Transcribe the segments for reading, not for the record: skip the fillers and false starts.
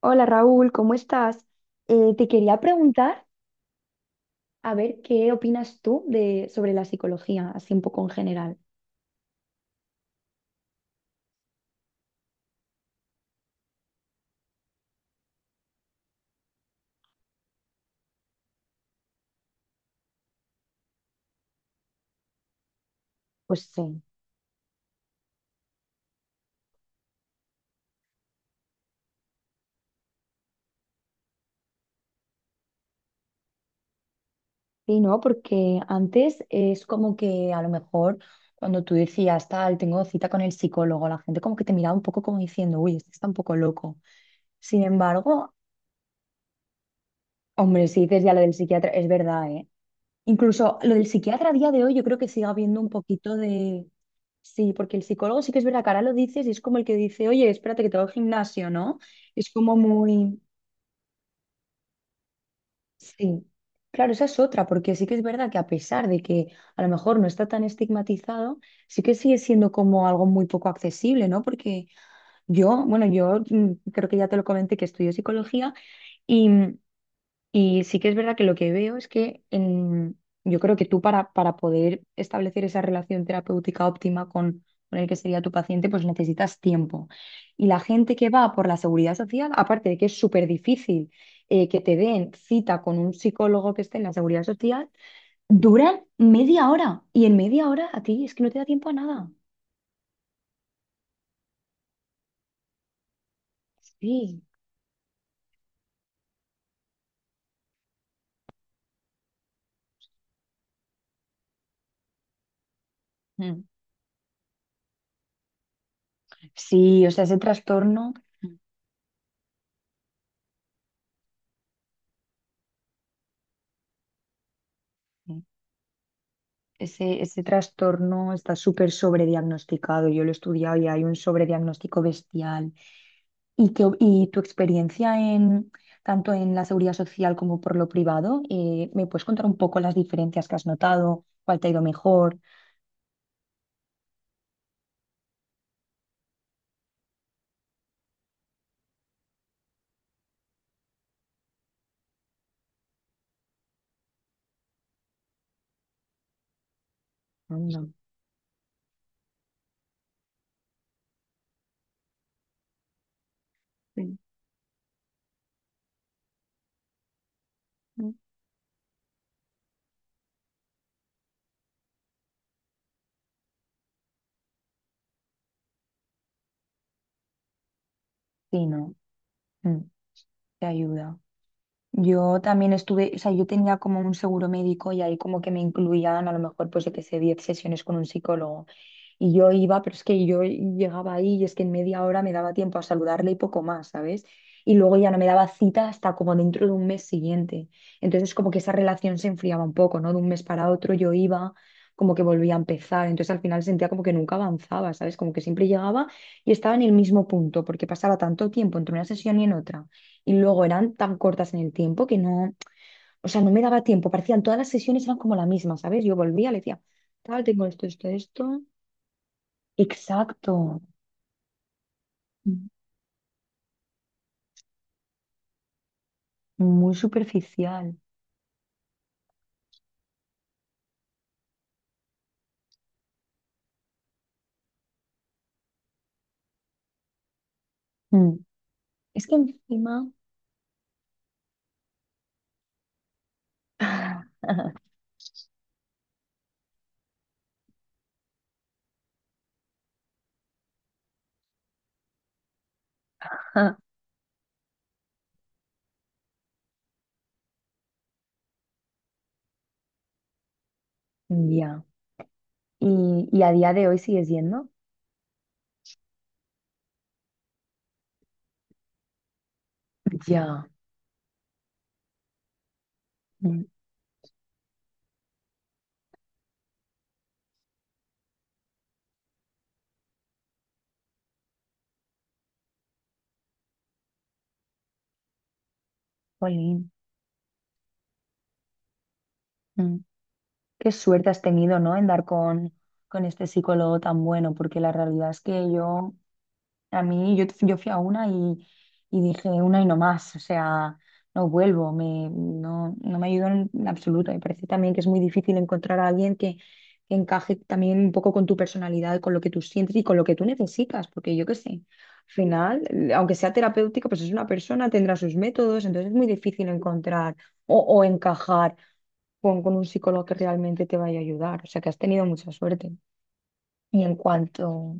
Hola Raúl, ¿cómo estás? Te quería preguntar, a ver, ¿qué opinas tú sobre la psicología, así un poco en general? Pues sí, sí, ¿no? Porque antes es como que a lo mejor cuando tú decías, tal, tengo cita con el psicólogo, la gente como que te miraba un poco como diciendo, uy, este está un poco loco. Sin embargo, hombre, si dices ya lo del psiquiatra, es verdad, ¿eh? Incluso lo del psiquiatra a día de hoy yo creo que sigue habiendo un poquito de... Sí, porque el psicólogo sí que es verdad que ahora lo dices y es como el que dice, oye, espérate que te voy al gimnasio, ¿no? Es como muy... Sí, claro, esa es otra, porque sí que es verdad que a pesar de que a lo mejor no está tan estigmatizado, sí que sigue siendo como algo muy poco accesible, ¿no? Porque yo, bueno, yo creo que ya te lo comenté que estudio psicología y y sí que es verdad que lo que veo es que yo creo que tú para poder establecer esa relación terapéutica óptima con el que sería tu paciente, pues necesitas tiempo. Y la gente que va por la seguridad social, aparte de que es súper difícil que te den cita con un psicólogo que esté en la seguridad social, duran media hora. Y en media hora a ti es que no te da tiempo a nada. Sí. Mm. Sí, o sea, ese trastorno. Ese trastorno está súper sobrediagnosticado. Yo lo he estudiado y hay un sobrediagnóstico bestial. ¿Y, y tu experiencia en tanto en la seguridad social como por lo privado? ¿Me puedes contar un poco las diferencias que has notado? ¿Cuál te ha ido mejor? Anda. Sí. Mm. Sí, no, mm, te ayuda. Yo también estuve, o sea, yo tenía como un seguro médico y ahí como que me incluían a lo mejor pues yo que sé, 10 sesiones con un psicólogo. Y yo iba, pero es que yo llegaba ahí y es que en media hora me daba tiempo a saludarle y poco más, ¿sabes? Y luego ya no me daba cita hasta como dentro de un mes siguiente. Entonces como que esa relación se enfriaba un poco, ¿no? De un mes para otro yo iba, como que volvía a empezar. Entonces al final sentía como que nunca avanzaba, ¿sabes? Como que siempre llegaba y estaba en el mismo punto, porque pasaba tanto tiempo entre una sesión y en otra. Y luego eran tan cortas en el tiempo que no, o sea, no me daba tiempo. Parecían todas las sesiones eran como la misma, ¿sabes? Yo volvía, le decía, tal, tengo esto, esto, esto. Exacto, mm, muy superficial. Mm. Es que encima, ya, y a día de hoy sigues yendo. Ya, mm. Jolín, mm. Qué suerte has tenido, ¿no? En dar con este psicólogo tan bueno, porque la realidad es que yo a mí, yo fui a una y dije una y no más, o sea, no vuelvo, me, no, no me ayudó en absoluto. Me parece también que es muy difícil encontrar a alguien que encaje también un poco con tu personalidad, con lo que tú sientes y con lo que tú necesitas, porque yo qué sé, al final, aunque sea terapéutico, pues es una persona, tendrá sus métodos, entonces es muy difícil encontrar o encajar con un psicólogo que realmente te vaya a ayudar, o sea, que has tenido mucha suerte. Y en cuanto,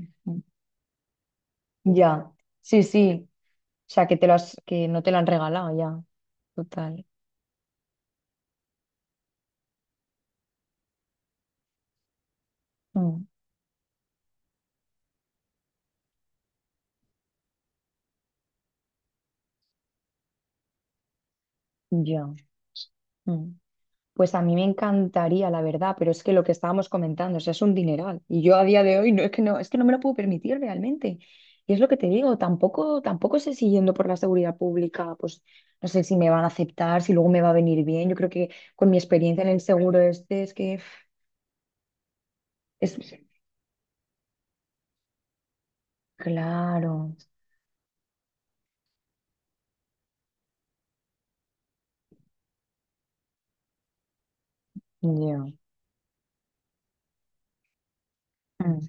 ya, sí, sí. O sea, que te lo has- que no te lo han regalado ya. Total. Mm, ya. Mm. Pues a mí me encantaría, la verdad, pero es que lo que estábamos comentando, o sea, es un dineral. Y yo a día de hoy no es que no, es que no me lo puedo permitir realmente. Y es lo que te digo, tampoco sé si yendo por la seguridad pública, pues no sé si me van a aceptar, si luego me va a venir bien. Yo creo que con mi experiencia en el seguro este es que uf, es claro. Ya. Mm,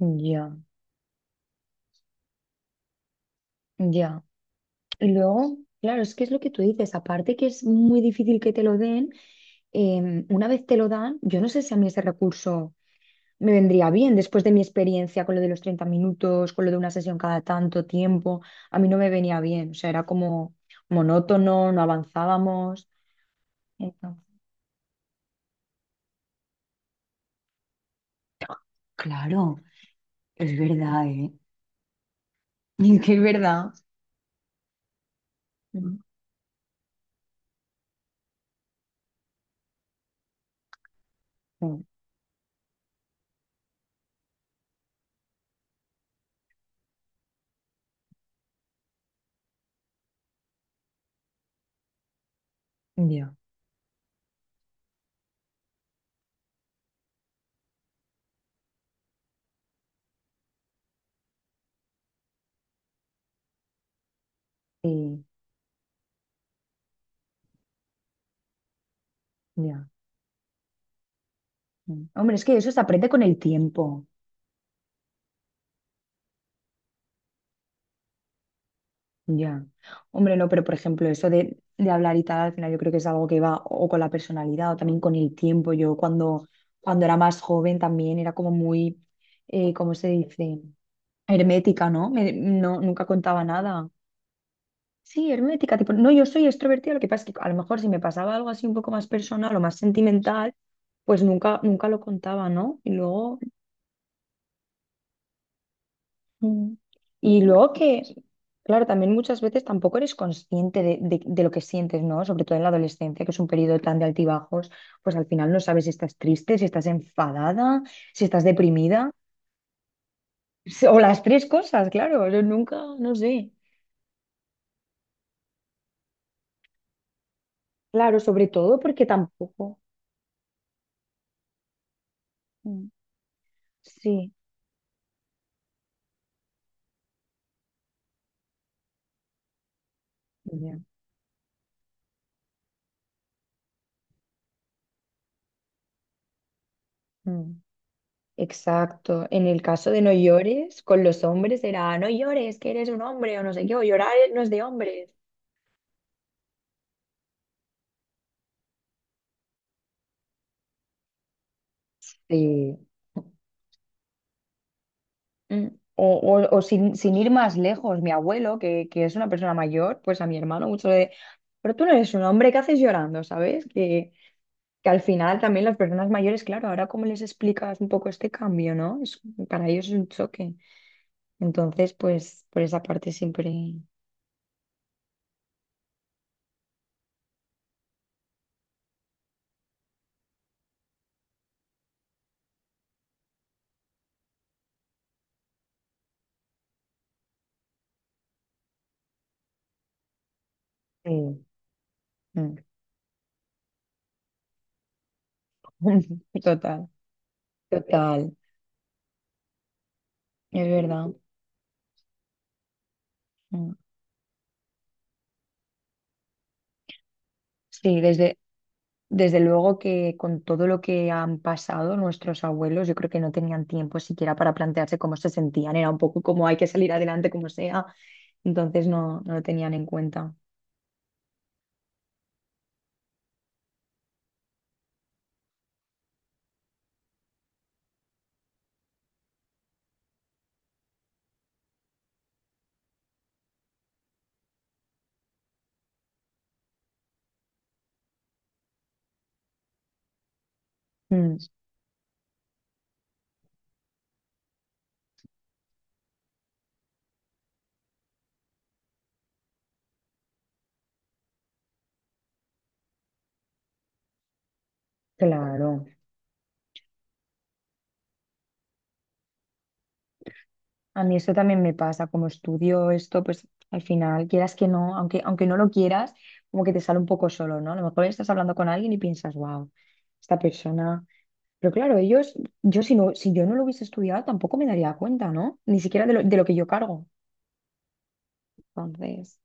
ya. Ya. Y luego, claro, es que es lo que tú dices, aparte que es muy difícil que te lo den, una vez te lo dan, yo no sé si a mí ese recurso me vendría bien después de mi experiencia con lo de los 30 minutos, con lo de una sesión cada tanto tiempo, a mí no me venía bien, o sea, era como monótono, no avanzábamos. Entonces, claro, es verdad, ¿eh? Es que es verdad. Mm, mm, ya, sí. Ya. Mm. Hombre, es que eso se aprende con el tiempo. Ya. Hombre, no, pero por ejemplo, eso de hablar y tal, al final yo creo que es algo que va o con la personalidad o también con el tiempo. Yo cuando, cuando era más joven también era como muy, ¿cómo se dice? Hermética, ¿no? No, nunca contaba nada. Sí, hermética, tipo, no, yo soy extrovertida, lo que pasa es que a lo mejor si me pasaba algo así un poco más personal o más sentimental, pues nunca, nunca lo contaba, ¿no? Y luego... Mm. Y luego que, claro, también muchas veces tampoco eres consciente de lo que sientes, ¿no? Sobre todo en la adolescencia, que es un periodo tan de altibajos, pues al final no sabes si estás triste, si estás enfadada, si estás deprimida, si- o las tres cosas, claro, yo nunca, no sé. Claro, sobre todo porque tampoco. Mm. Sí, ya. Mm. Exacto. En el caso de no llores, con los hombres era no llores, que eres un hombre o no sé qué, o llorar no es de hombres. Sí. Mm. O, o sin, sin ir más lejos, mi abuelo, que es una persona mayor, pues a mi hermano mucho de, pero tú no eres un hombre, ¿qué haces llorando? ¿Sabes? Que al final también las personas mayores, claro, ahora cómo les explicas un poco este cambio, ¿no? Para ellos es un choque. Entonces, pues por esa parte siempre... Sí. Mm. Total, total, es verdad. Mm. Sí, desde... Desde luego que con todo lo que han pasado nuestros abuelos, yo creo que no tenían tiempo siquiera para plantearse cómo se sentían. Era un poco como hay que salir adelante como sea. Entonces no, no lo tenían en cuenta. Mm, claro. A mí eso también me pasa. Como estudio esto, pues al final, quieras que no, aunque, aunque no lo quieras, como que te sale un poco solo, ¿no? A lo mejor estás hablando con alguien y piensas, wow, esta persona. Pero claro, ellos, yo si no, si yo no lo hubiese estudiado, tampoco me daría cuenta, ¿no? Ni siquiera de lo que yo cargo. Entonces.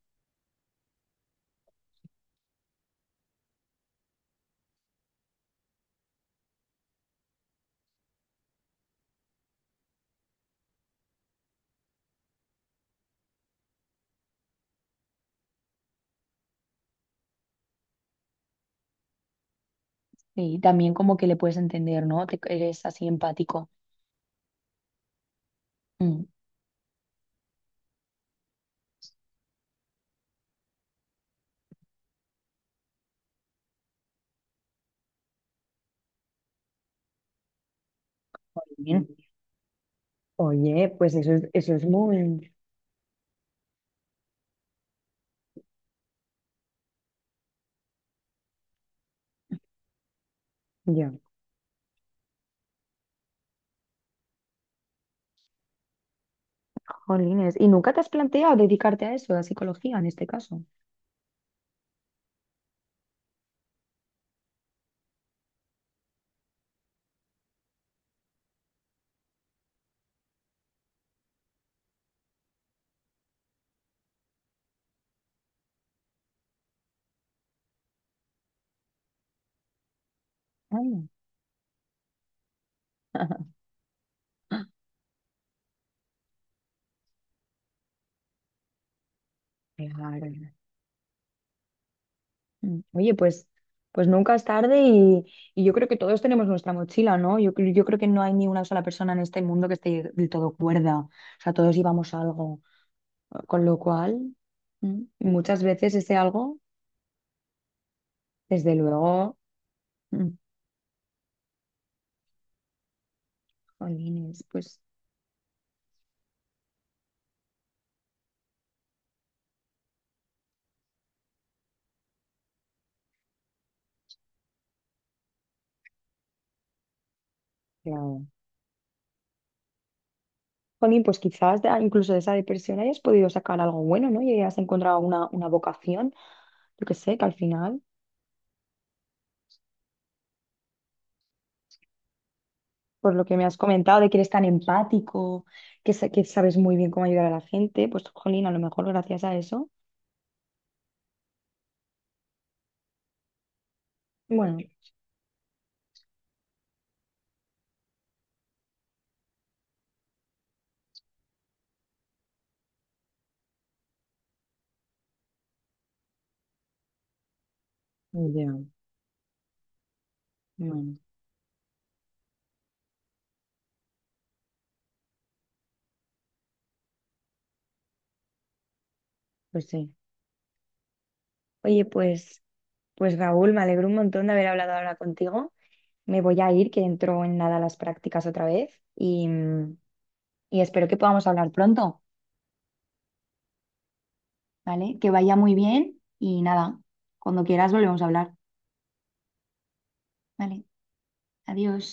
Y también como que le puedes entender, ¿no? Eres así empático. Mm. Bien. Oye, pues eso es muy... ya. Jolines, ¿y nunca te has planteado dedicarte a eso, a psicología en este caso? Mm. Claro. Mm. Oye, pues, pues nunca es tarde y yo creo que todos tenemos nuestra mochila, ¿no? Yo, yo creo que no hay ni una sola persona en este mundo que esté del todo cuerda. O sea, todos llevamos algo. Con lo cual, mm, muchas veces ese algo, desde luego. Mm, jolines, pues, claro. Jolín, pues quizás incluso de esa depresión hayas podido sacar algo bueno, ¿no? Y hayas encontrado una vocación, yo que sé, que al final, por lo que me has comentado, de que eres tan empático, que, que sabes muy bien cómo ayudar a la gente, pues, jolín, a lo mejor gracias a eso. Bueno, ya, bueno, pues sí. Oye, pues, pues Raúl, me alegro un montón de haber hablado ahora contigo. Me voy a ir, que entro en nada a las prácticas otra vez y espero que podamos hablar pronto. ¿Vale? Que vaya muy bien y nada, cuando quieras volvemos a hablar, ¿vale? Adiós.